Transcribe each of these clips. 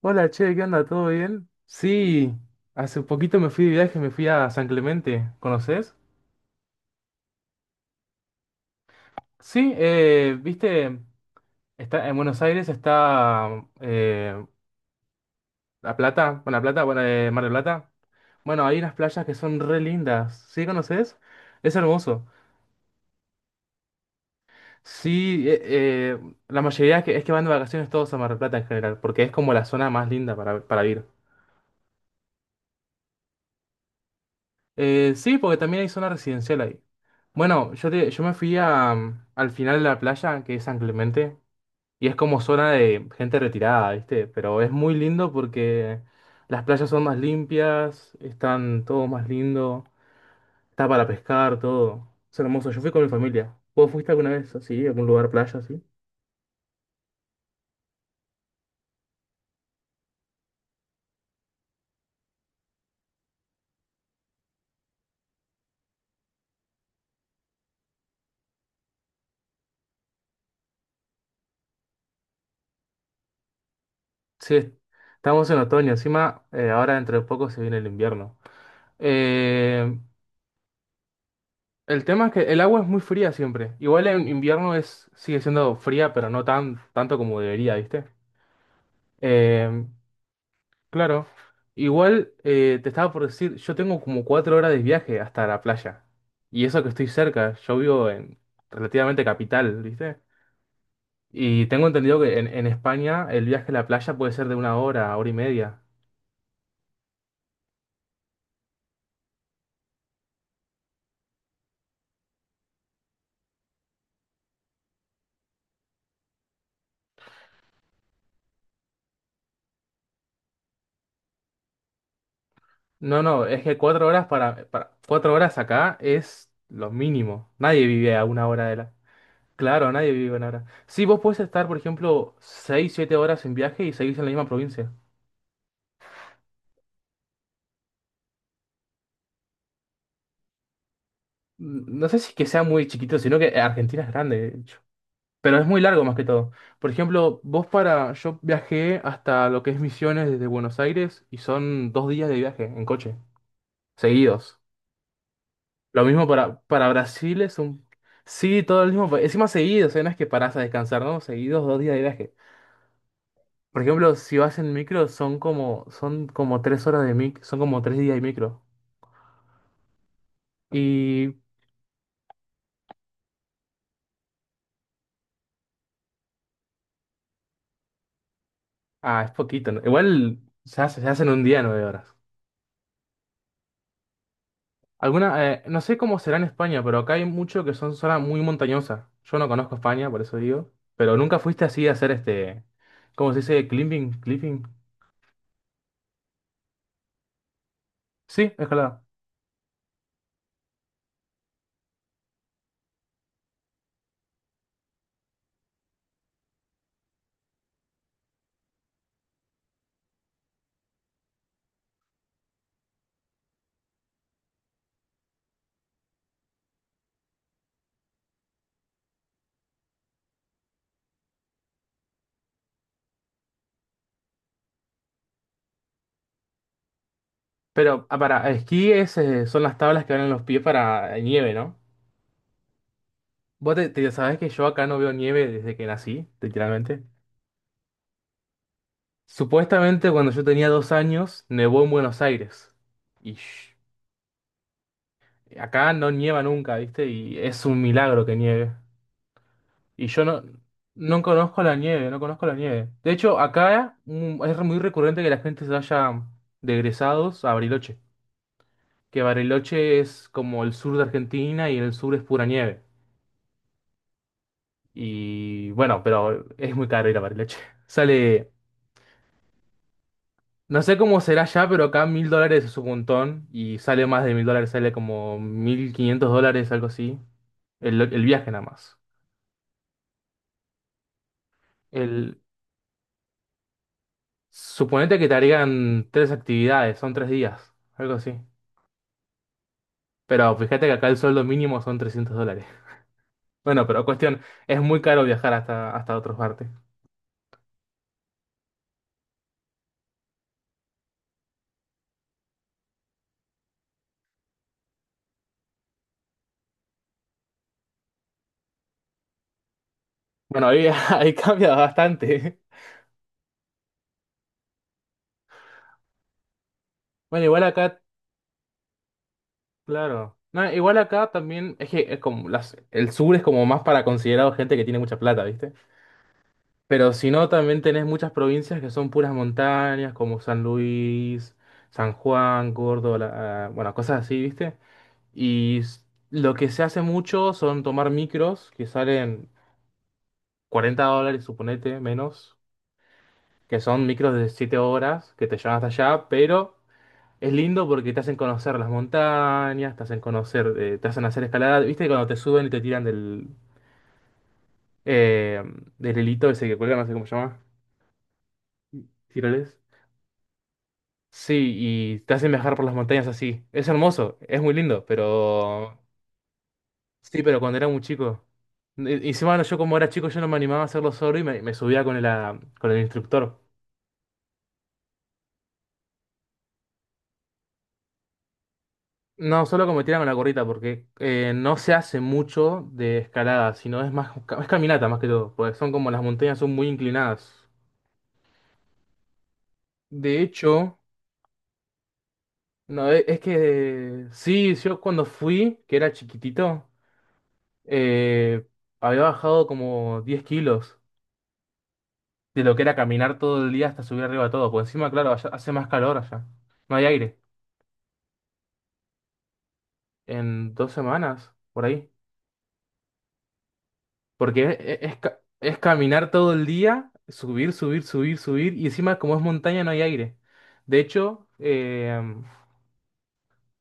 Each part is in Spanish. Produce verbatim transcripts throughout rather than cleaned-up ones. Hola, che, ¿qué onda? ¿Todo bien? Sí, hace poquito me fui de viaje, me fui a San Clemente, ¿conoces? Sí, eh, viste, está en Buenos Aires está eh, La Plata, Buena Plata, bueno, eh, Mar del Plata. Bueno, hay unas playas que son re lindas, ¿sí conoces? Es hermoso. Sí, eh, eh, la mayoría es que, es que van de vacaciones todos a Mar del Plata en general, porque es como la zona más linda para, para ir. Eh, sí, porque también hay zona residencial ahí. Bueno, yo, te- yo me fui a, mm, al final de la playa, que es San Clemente, y es como zona de gente retirada, ¿viste? Pero es muy lindo porque las playas son más limpias, están todo más lindo, está para pescar, todo. Es hermoso, yo fui con mi familia. ¿Vos fuiste alguna vez así, a algún lugar playa así? Sí, estamos en otoño, encima eh, ahora dentro de poco se viene el invierno. Eh, El tema es que el agua es muy fría siempre. Igual en invierno es, sigue siendo fría, pero no tan, tanto como debería, ¿viste? Eh, claro. Igual eh, te estaba por decir, yo tengo como cuatro horas de viaje hasta la playa. Y eso que estoy cerca, yo vivo en relativamente capital, ¿viste? Y tengo entendido que en, en España el viaje a la playa puede ser de una hora, hora y media. No, no, es que cuatro horas para, para cuatro horas acá es lo mínimo. Nadie vive a una hora de la. Claro, nadie vive en Ara. Sí, vos puedes estar, por ejemplo, seis, siete horas en viaje y seguís en la misma provincia. N- No sé si es que sea muy chiquito, sino que Argentina es grande, de hecho. Pero es muy largo más que todo. Por ejemplo, vos para. Yo viajé hasta lo que es Misiones desde Buenos Aires y son dos días de viaje en coche, seguidos. Lo mismo para, para Brasil es un. Sí, todo el mismo. pa- Encima seguidos, ¿eh? No es que parás a descansar, ¿no? Seguidos dos días de viaje. Por ejemplo, si vas en micro, son como, son como tres horas de micro, son como tres días de micro. Y, ah, es poquito, ¿no? Igual se hace, se hacen un día nueve horas. Alguna, eh, no sé cómo será en España, pero acá hay mucho que son zonas muy montañosas. Yo no conozco España, por eso digo. Pero nunca fuiste así a hacer este, ¿cómo se dice? Climbing, clipping. Sí, escalada. Pero ah, para esquí es, eh, son las tablas que van en los pies para eh, nieve, ¿no? Vos te, te sabés que yo acá no veo nieve desde que nací, literalmente. Supuestamente cuando yo tenía dos años, nevó en Buenos Aires. Ish. Acá no nieva nunca, ¿viste? Y es un milagro que nieve. Y yo no, no conozco la nieve, no conozco la nieve. De hecho, acá mm, es muy recurrente que la gente se vaya de egresados a Bariloche. Que Bariloche es como el sur de Argentina y el sur es pura nieve. Y bueno, pero es muy caro ir a Bariloche. Sale, no sé cómo será ya, pero acá mil dólares es un montón. Y sale más de mil dólares, sale como mil quinientos dólares, algo así. El, el viaje nada más. El Suponete que te harían tres actividades, son tres días, algo así. Pero fíjate que acá el sueldo mínimo son trescientos dólares. Bueno, pero cuestión, es muy caro viajar hasta, hasta otras partes. Bueno, ahí, ahí cambia bastante. Bueno, igual acá, claro. No, igual acá también, es que es como las, el sur es como más para considerado gente que tiene mucha plata, ¿viste? Pero si no, también tenés muchas provincias que son puras montañas, como San Luis, San Juan, Córdoba, la- ah, bueno, cosas así, ¿viste? Y s- lo que se hace mucho son tomar micros que salen cuarenta dólares, suponete, menos, que son micros de siete horas que te llevan hasta allá, pero es lindo porque te hacen conocer las montañas, te hacen conocer, eh, te hacen hacer escalada. ¿Viste cuando te suben y te tiran del, eh, del hilito ese que cuelga, no sé cómo se llama? ¿Tiroles? Sí, y te hacen viajar por las montañas así. Es hermoso, es muy lindo, pero sí, pero cuando era muy chico. Y- y encima, no, yo como era chico, yo no me animaba a hacerlo solo y me, me subía con el, ah, con el instructor. No, solo como tirar con la gorrita, porque eh, no se hace mucho de escalada, sino es más es caminata más que todo, porque son como las montañas son muy inclinadas. De hecho, no, e- es que sí, yo cuando fui, que era chiquitito, eh, había bajado como diez kilos de lo que era caminar todo el día hasta subir arriba todo, porque encima, claro, allá hace más calor allá, no hay aire. En dos semanas, por ahí. Porque es, es- es ca- es caminar todo el día, subir, subir, subir, subir, y encima como es montaña no hay aire. De hecho, eh,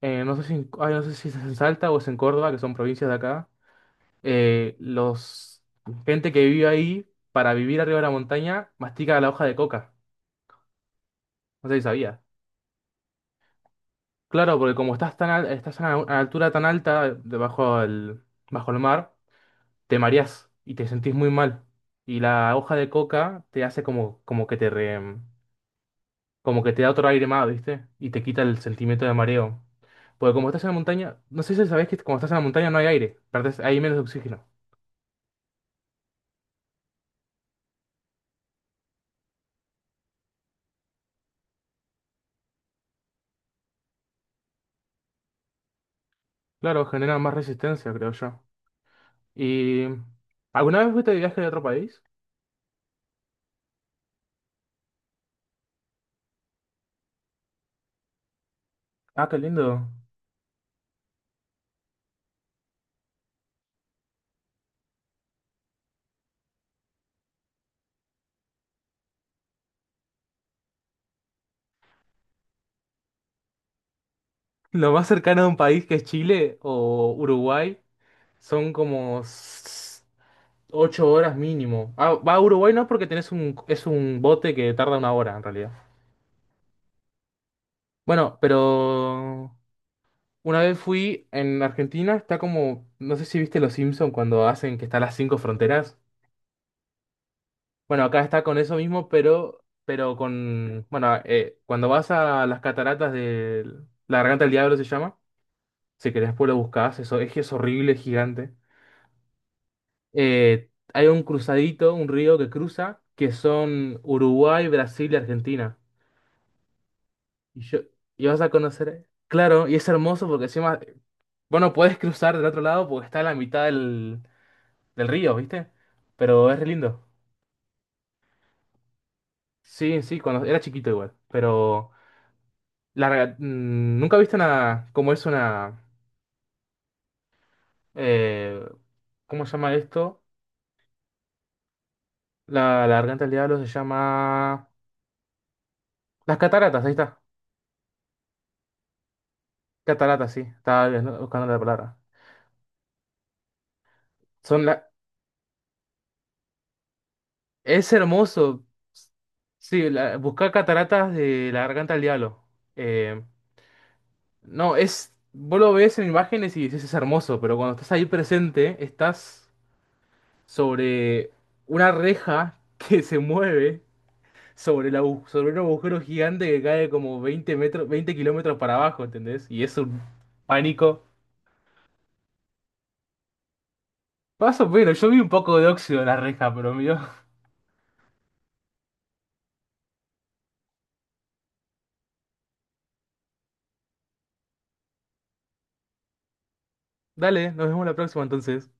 eh, no sé si, en- ay, no sé si es en Salta o es en Córdoba, que son provincias de acá, eh, los gente que vive ahí, para vivir arriba de la montaña, mastica la hoja de coca. No sé si sabía. Claro, porque como estás tan al- estás a una altura tan alta, debajo del, bajo el mar, te mareás y te sentís muy mal. Y la hoja de coca te hace como, como que te re- mm, como que te da otro aire más, ¿viste? Y te quita el sentimiento de mareo. Porque como estás en la montaña, no sé si sabés que cuando estás en la montaña no hay aire, perdés, hay menos oxígeno. Claro, genera más resistencia, creo yo. ¿Y mm, alguna vez fuiste de viaje a otro país? Ah, qué lindo. Lo más cercano a un país que es Chile o Uruguay son como ocho horas mínimo. Ah, va a Uruguay no porque tenés un, es un bote que tarda una hora en realidad. Bueno, pero una vez fui en Argentina, está como, no sé si viste Los Simpson cuando hacen que están las cinco fronteras. Bueno, acá está con eso mismo, pero, pero con, bueno, eh, cuando vas a las cataratas de la Garganta del Diablo se llama, si querés después lo buscás, eso es que es horrible, es gigante. Eh, hay un cruzadito, un río que cruza, que son Uruguay, Brasil y Argentina. Y yo, y vas a conocer, claro, y es hermoso porque encima, bueno, puedes cruzar del otro lado porque está a la mitad del, del río, ¿viste? Pero es re lindo. Sí, sí, cuando era chiquito igual, pero la, rega- mm, nunca viste una, como es una, eh, ¿cómo se llama esto? La, la garganta del diablo se llama, las cataratas, ahí está, cataratas, sí, estaba bien, ¿no? Buscando la palabra. Son la, es hermoso, sí, la, buscar cataratas de la garganta del diablo. Eh, No, es. Vos lo ves en imágenes y dices es hermoso, pero cuando estás ahí presente, estás sobre una reja que se mueve sobre, el agu- sobre un agujero gigante que cae como veinte metros, veinte kilómetros para abajo, ¿entendés? Y es un pánico. Paso, pero yo vi un poco de óxido en la reja, pero mío. Dale, nos vemos la próxima entonces.